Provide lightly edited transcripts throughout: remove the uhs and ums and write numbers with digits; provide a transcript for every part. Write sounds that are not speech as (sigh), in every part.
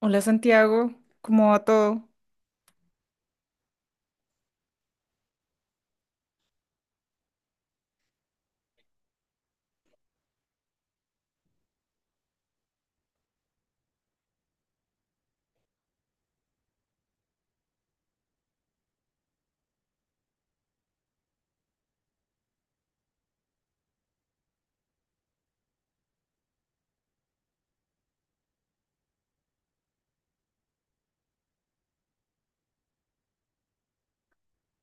Hola Santiago, ¿cómo va todo?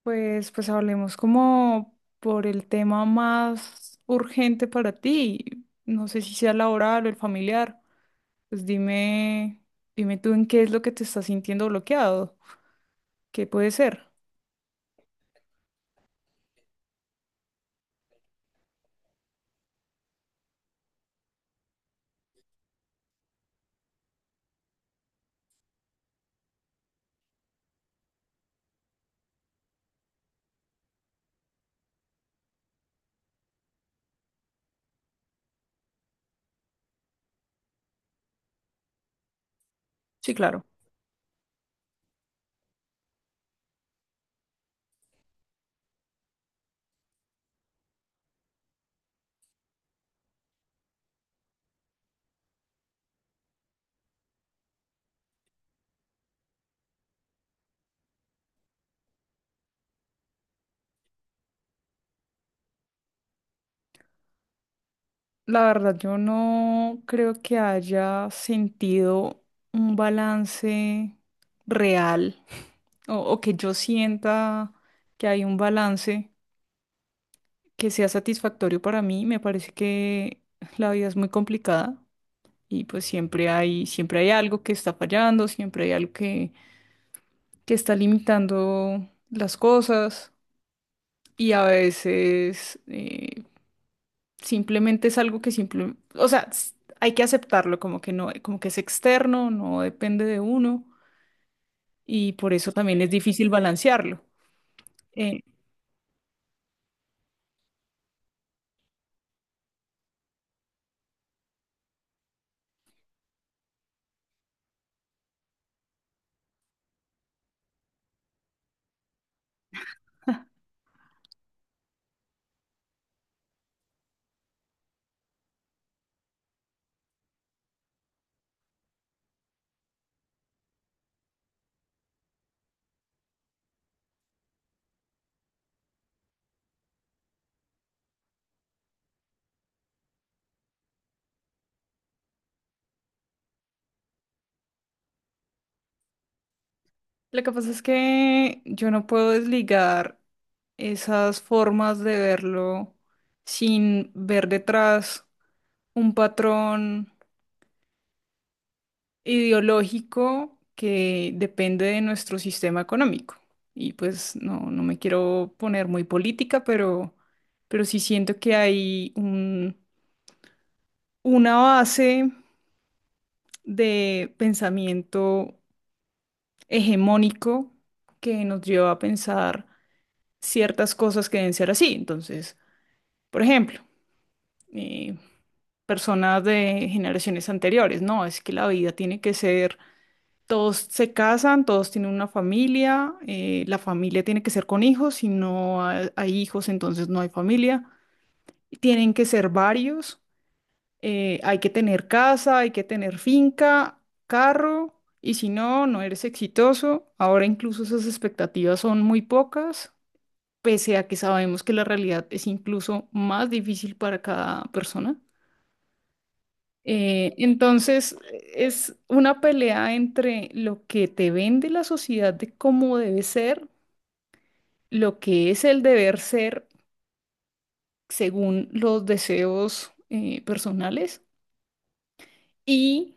Pues hablemos como por el tema más urgente para ti. No sé si sea laboral o el familiar. Pues dime tú en qué es lo que te estás sintiendo bloqueado. ¿Qué puede ser? Sí, claro. La verdad, yo no creo que haya sentido un balance real o que yo sienta que hay un balance que sea satisfactorio para mí. Me parece que la vida es muy complicada y pues siempre hay algo que está fallando, siempre hay algo que está limitando las cosas y a veces simplemente es algo que simple, o sea, hay que aceptarlo como que no, como que es externo, no depende de uno y por eso también es difícil balancearlo. Eh, Lo que pasa es que yo no puedo desligar esas formas de verlo sin ver detrás un patrón ideológico que depende de nuestro sistema económico. Y pues no, no me quiero poner muy política, pero sí siento que hay una base de pensamiento hegemónico que nos lleva a pensar ciertas cosas que deben ser así. Entonces, por ejemplo, eh, personas de generaciones anteriores, no, es que la vida tiene que ser, todos se casan, todos tienen una familia, la familia tiene que ser con hijos, si no hay hijos, entonces no hay familia, y tienen que ser varios, hay que tener casa, hay que tener finca, carro, y si no, no eres exitoso. Ahora incluso esas expectativas son muy pocas, pese a que sabemos que la realidad es incluso más difícil para cada persona. Entonces, es una pelea entre lo que te vende la sociedad de cómo debe ser, lo que es el deber ser según los deseos personales y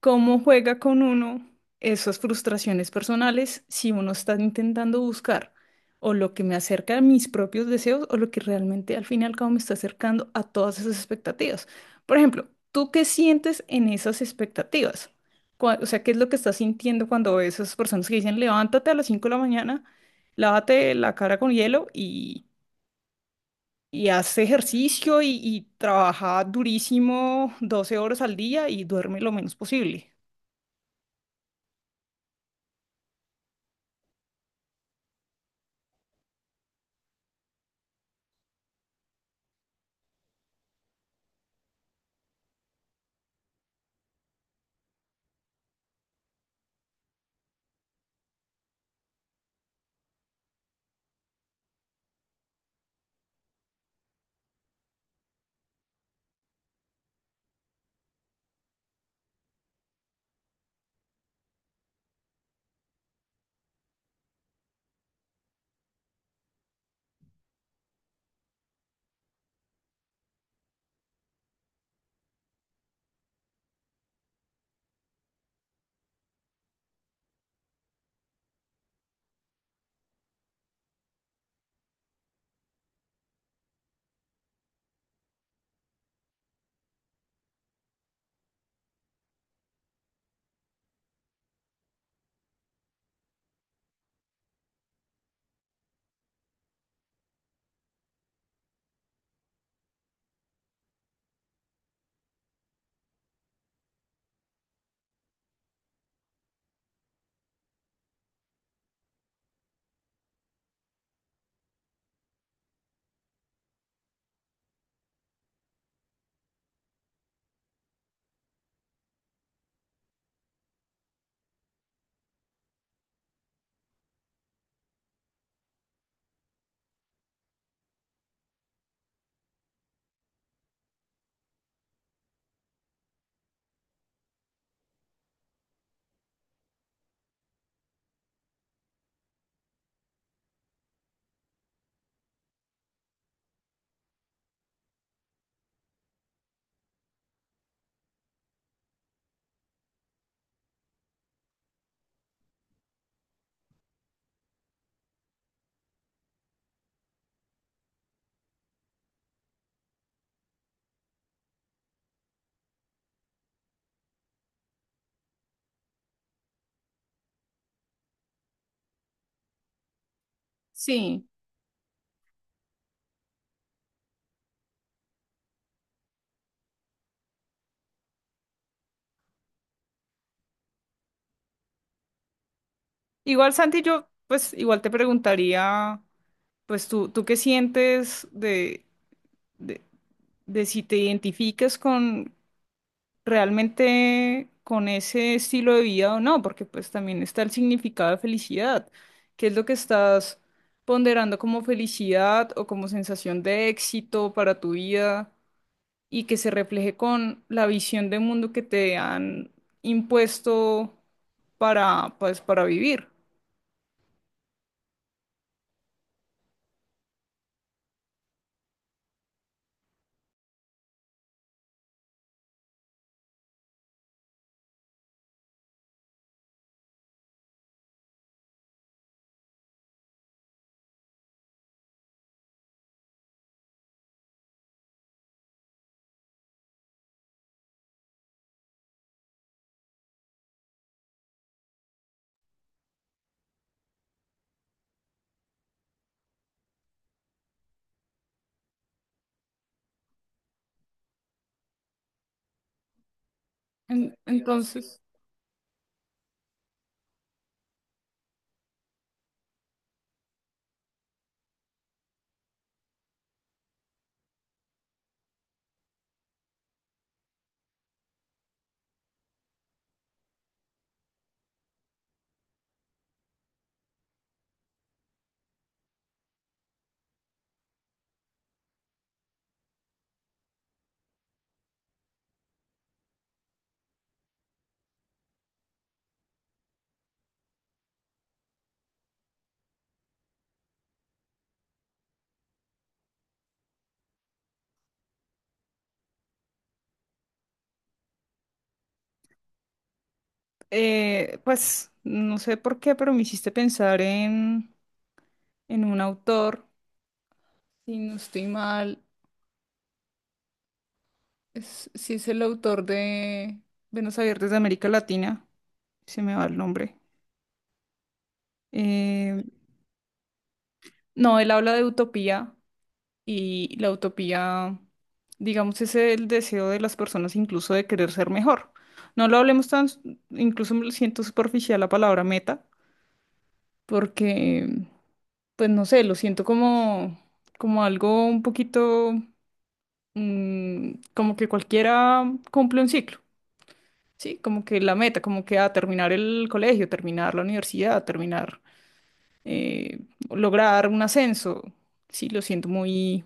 cómo juega con uno esas frustraciones personales si uno está intentando buscar o lo que me acerca a mis propios deseos o lo que realmente al fin y al cabo me está acercando a todas esas expectativas. Por ejemplo, ¿tú qué sientes en esas expectativas? O sea, ¿qué es lo que estás sintiendo cuando ves esas personas que dicen, levántate a las 5 de la mañana, lávate la cara con hielo y haz ejercicio y trabaja durísimo 12 horas al día y duerme lo menos posible? Sí. Igual, Santi, yo pues igual te preguntaría, pues tú qué sientes de, de, de si te identificas con realmente con ese estilo de vida o no, porque pues también está el significado de felicidad. ¿Qué es lo que estás ponderando como felicidad o como sensación de éxito para tu vida y que se refleje con la visión de mundo que te han impuesto para, pues, para vivir? En- entonces... pues no sé por qué, pero me hiciste pensar en un autor, si no estoy mal, si es el autor de Venos Abiertos de América Latina, se me va el nombre. Eh, no, él habla de utopía y la utopía, digamos, es el deseo de las personas incluso de querer ser mejor. No lo hablemos tan, incluso me siento superficial la palabra meta, porque pues no sé, lo siento como algo un poquito, como que cualquiera cumple un ciclo, ¿sí? Como que la meta, como que a terminar el colegio, terminar la universidad, terminar, eh, lograr un ascenso, sí, lo siento muy...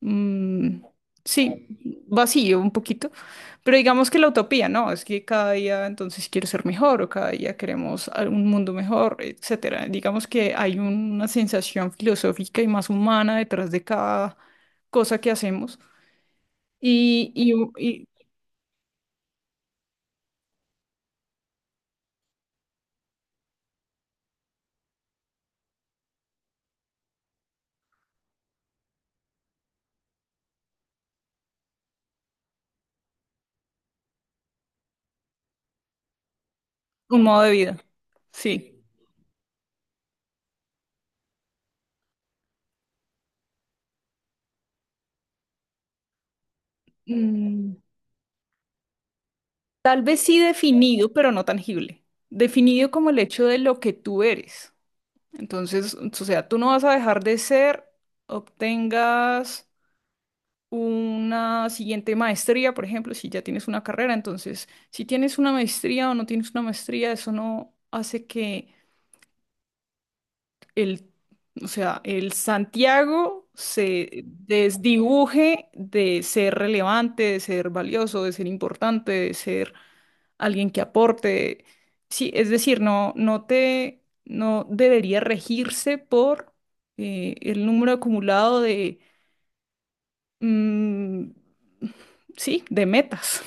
Mm, sí, vacío un poquito, pero digamos que la utopía, ¿no? Es que cada día entonces si quiero ser mejor o cada día queremos un mundo mejor, etcétera. Digamos que hay una sensación filosófica y más humana detrás de cada cosa que hacemos y un modo de vida, sí. Mm, tal vez sí definido, pero no tangible. Definido como el hecho de lo que tú eres. Entonces, o sea, tú no vas a dejar de ser, obtengas una siguiente maestría, por ejemplo, si ya tienes una carrera. Entonces, si tienes una maestría o no tienes una maestría, eso no hace que el, o sea, el Santiago se desdibuje de ser relevante, de ser valioso, de ser importante, de ser alguien que aporte. Sí, es decir, no debería regirse por el número acumulado de mm, sí, de metas.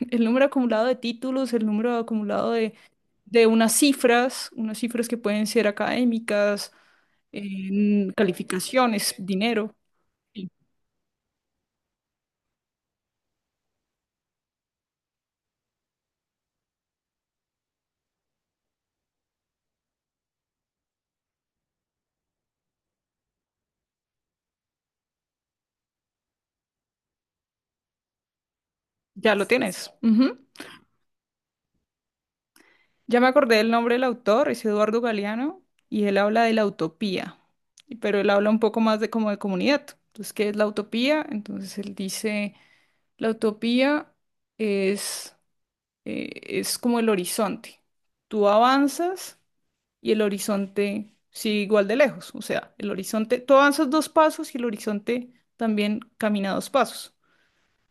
(laughs) El número acumulado de títulos, el número acumulado de unas cifras que pueden ser académicas, en calificaciones, dinero. Sí, ya lo tienes. Ujú. Ya me acordé del nombre del autor, es Eduardo Galeano, y él habla de la utopía, y- pero él habla un poco más de como de comunidad. Entonces, ¿qué es la utopía? Entonces él dice, la utopía es eh, es como el horizonte. Tú avanzas y el horizonte sigue igual de lejos. O sea, el horizonte, tú avanzas 2 pasos y el horizonte también camina 2 pasos.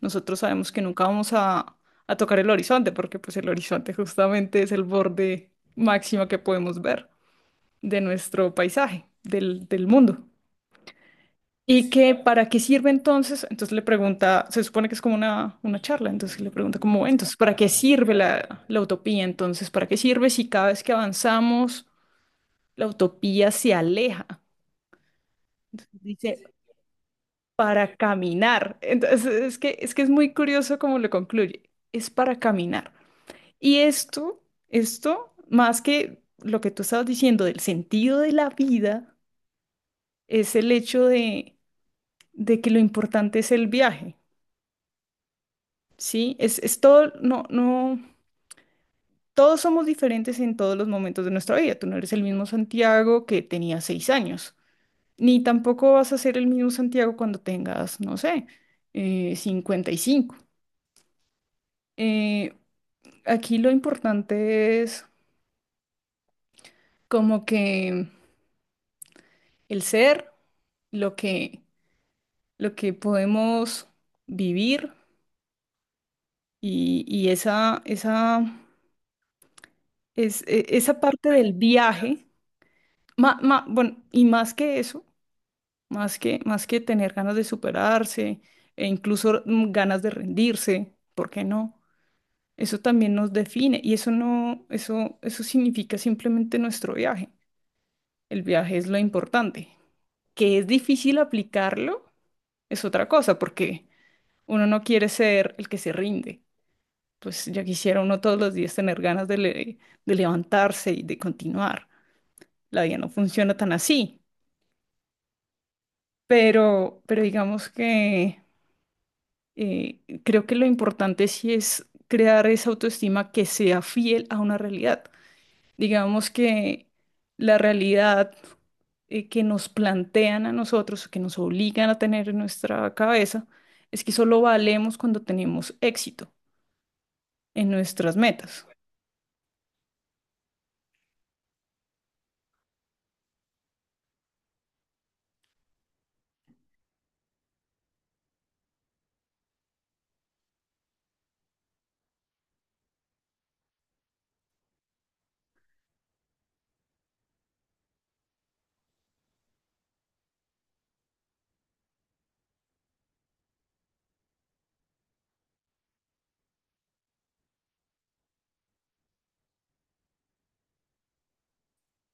Nosotros sabemos que nunca vamos a tocar el horizonte porque pues el horizonte justamente es el borde máximo que podemos ver de nuestro paisaje, del, del mundo. ¿Y que para qué sirve entonces? Entonces le pregunta, se supone que es como una charla, entonces le pregunta como, "Bueno, entonces, ¿para qué sirve la utopía? Entonces, ¿para qué sirve si cada vez que avanzamos la utopía se aleja? Entonces dice, para caminar". Entonces, es que, es que es muy curioso cómo lo concluye, es para caminar. Y esto, más que lo que tú estabas diciendo del sentido de la vida, es el hecho de que lo importante es el viaje. Sí, es todo, no, no, todos somos diferentes en todos los momentos de nuestra vida. Tú no eres el mismo Santiago que tenía 6 años, ni tampoco vas a ser el mismo Santiago cuando tengas, no sé, 55. Eh, Aquí lo importante es como que el ser, lo que, lo que podemos vivir y esa parte del viaje, bueno, y más que eso más que tener ganas de superarse e incluso ganas de rendirse, ¿por qué no? Eso también nos define y eso no, eso significa simplemente nuestro viaje. El viaje es lo importante. Que es difícil aplicarlo es otra cosa, porque uno no quiere ser el que se rinde. Pues ya quisiera uno todos los días tener ganas de, de levantarse y de continuar. La vida no funciona tan así, pero digamos que creo que lo importante sí es crear esa autoestima que sea fiel a una realidad. Digamos que la realidad que nos plantean a nosotros, que nos obligan a tener en nuestra cabeza, es que solo valemos cuando tenemos éxito en nuestras metas.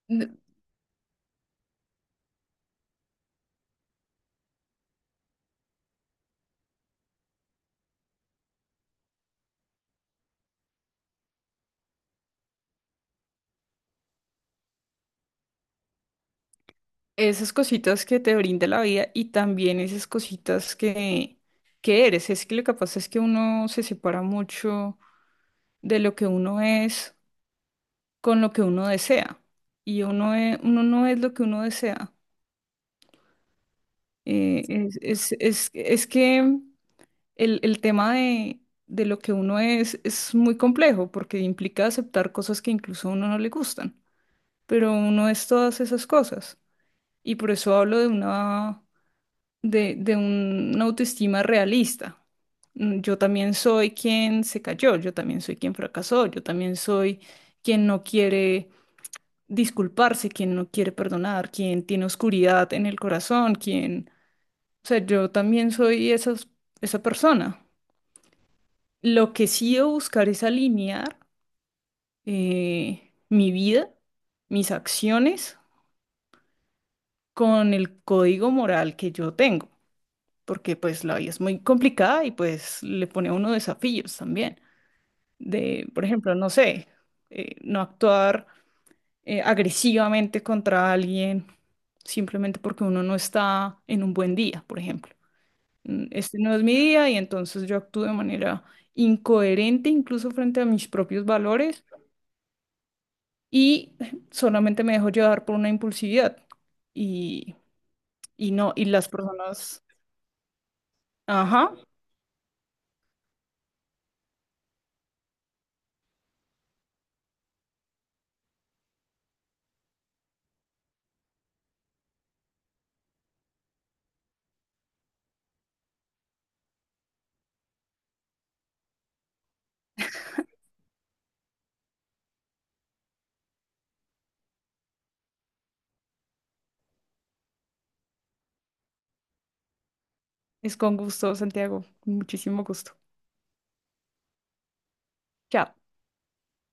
N- Esas cositas que te brinda la vida y también esas cositas que eres. Es que lo que pasa es que uno se separa mucho de lo que uno es con lo que uno desea. Y uno, uno no es lo que uno desea. Es que el tema de lo que uno es muy complejo porque implica aceptar cosas que incluso a uno no le gustan. Pero uno es todas esas cosas. Y por eso hablo de una, de una autoestima realista. Yo también soy quien se cayó, yo también soy quien fracasó, yo también soy quien no quiere disculparse, quien no quiere perdonar, quien tiene oscuridad en el corazón, quien... O sea, yo también soy esa persona. Lo que sí debo buscar es alinear mi vida, mis acciones con el código moral que yo tengo, porque pues la vida es muy complicada y pues le pone a uno desafíos también. De, por ejemplo, no sé, no actuar agresivamente contra alguien simplemente porque uno no está en un buen día, por ejemplo. Este no es mi día y entonces yo actúo de manera incoherente incluso frente a mis propios valores y (laughs) solamente me dejo llevar por una impulsividad y, y no, y las personas, ajá, es con gusto, Santiago, con muchísimo gusto. Chao.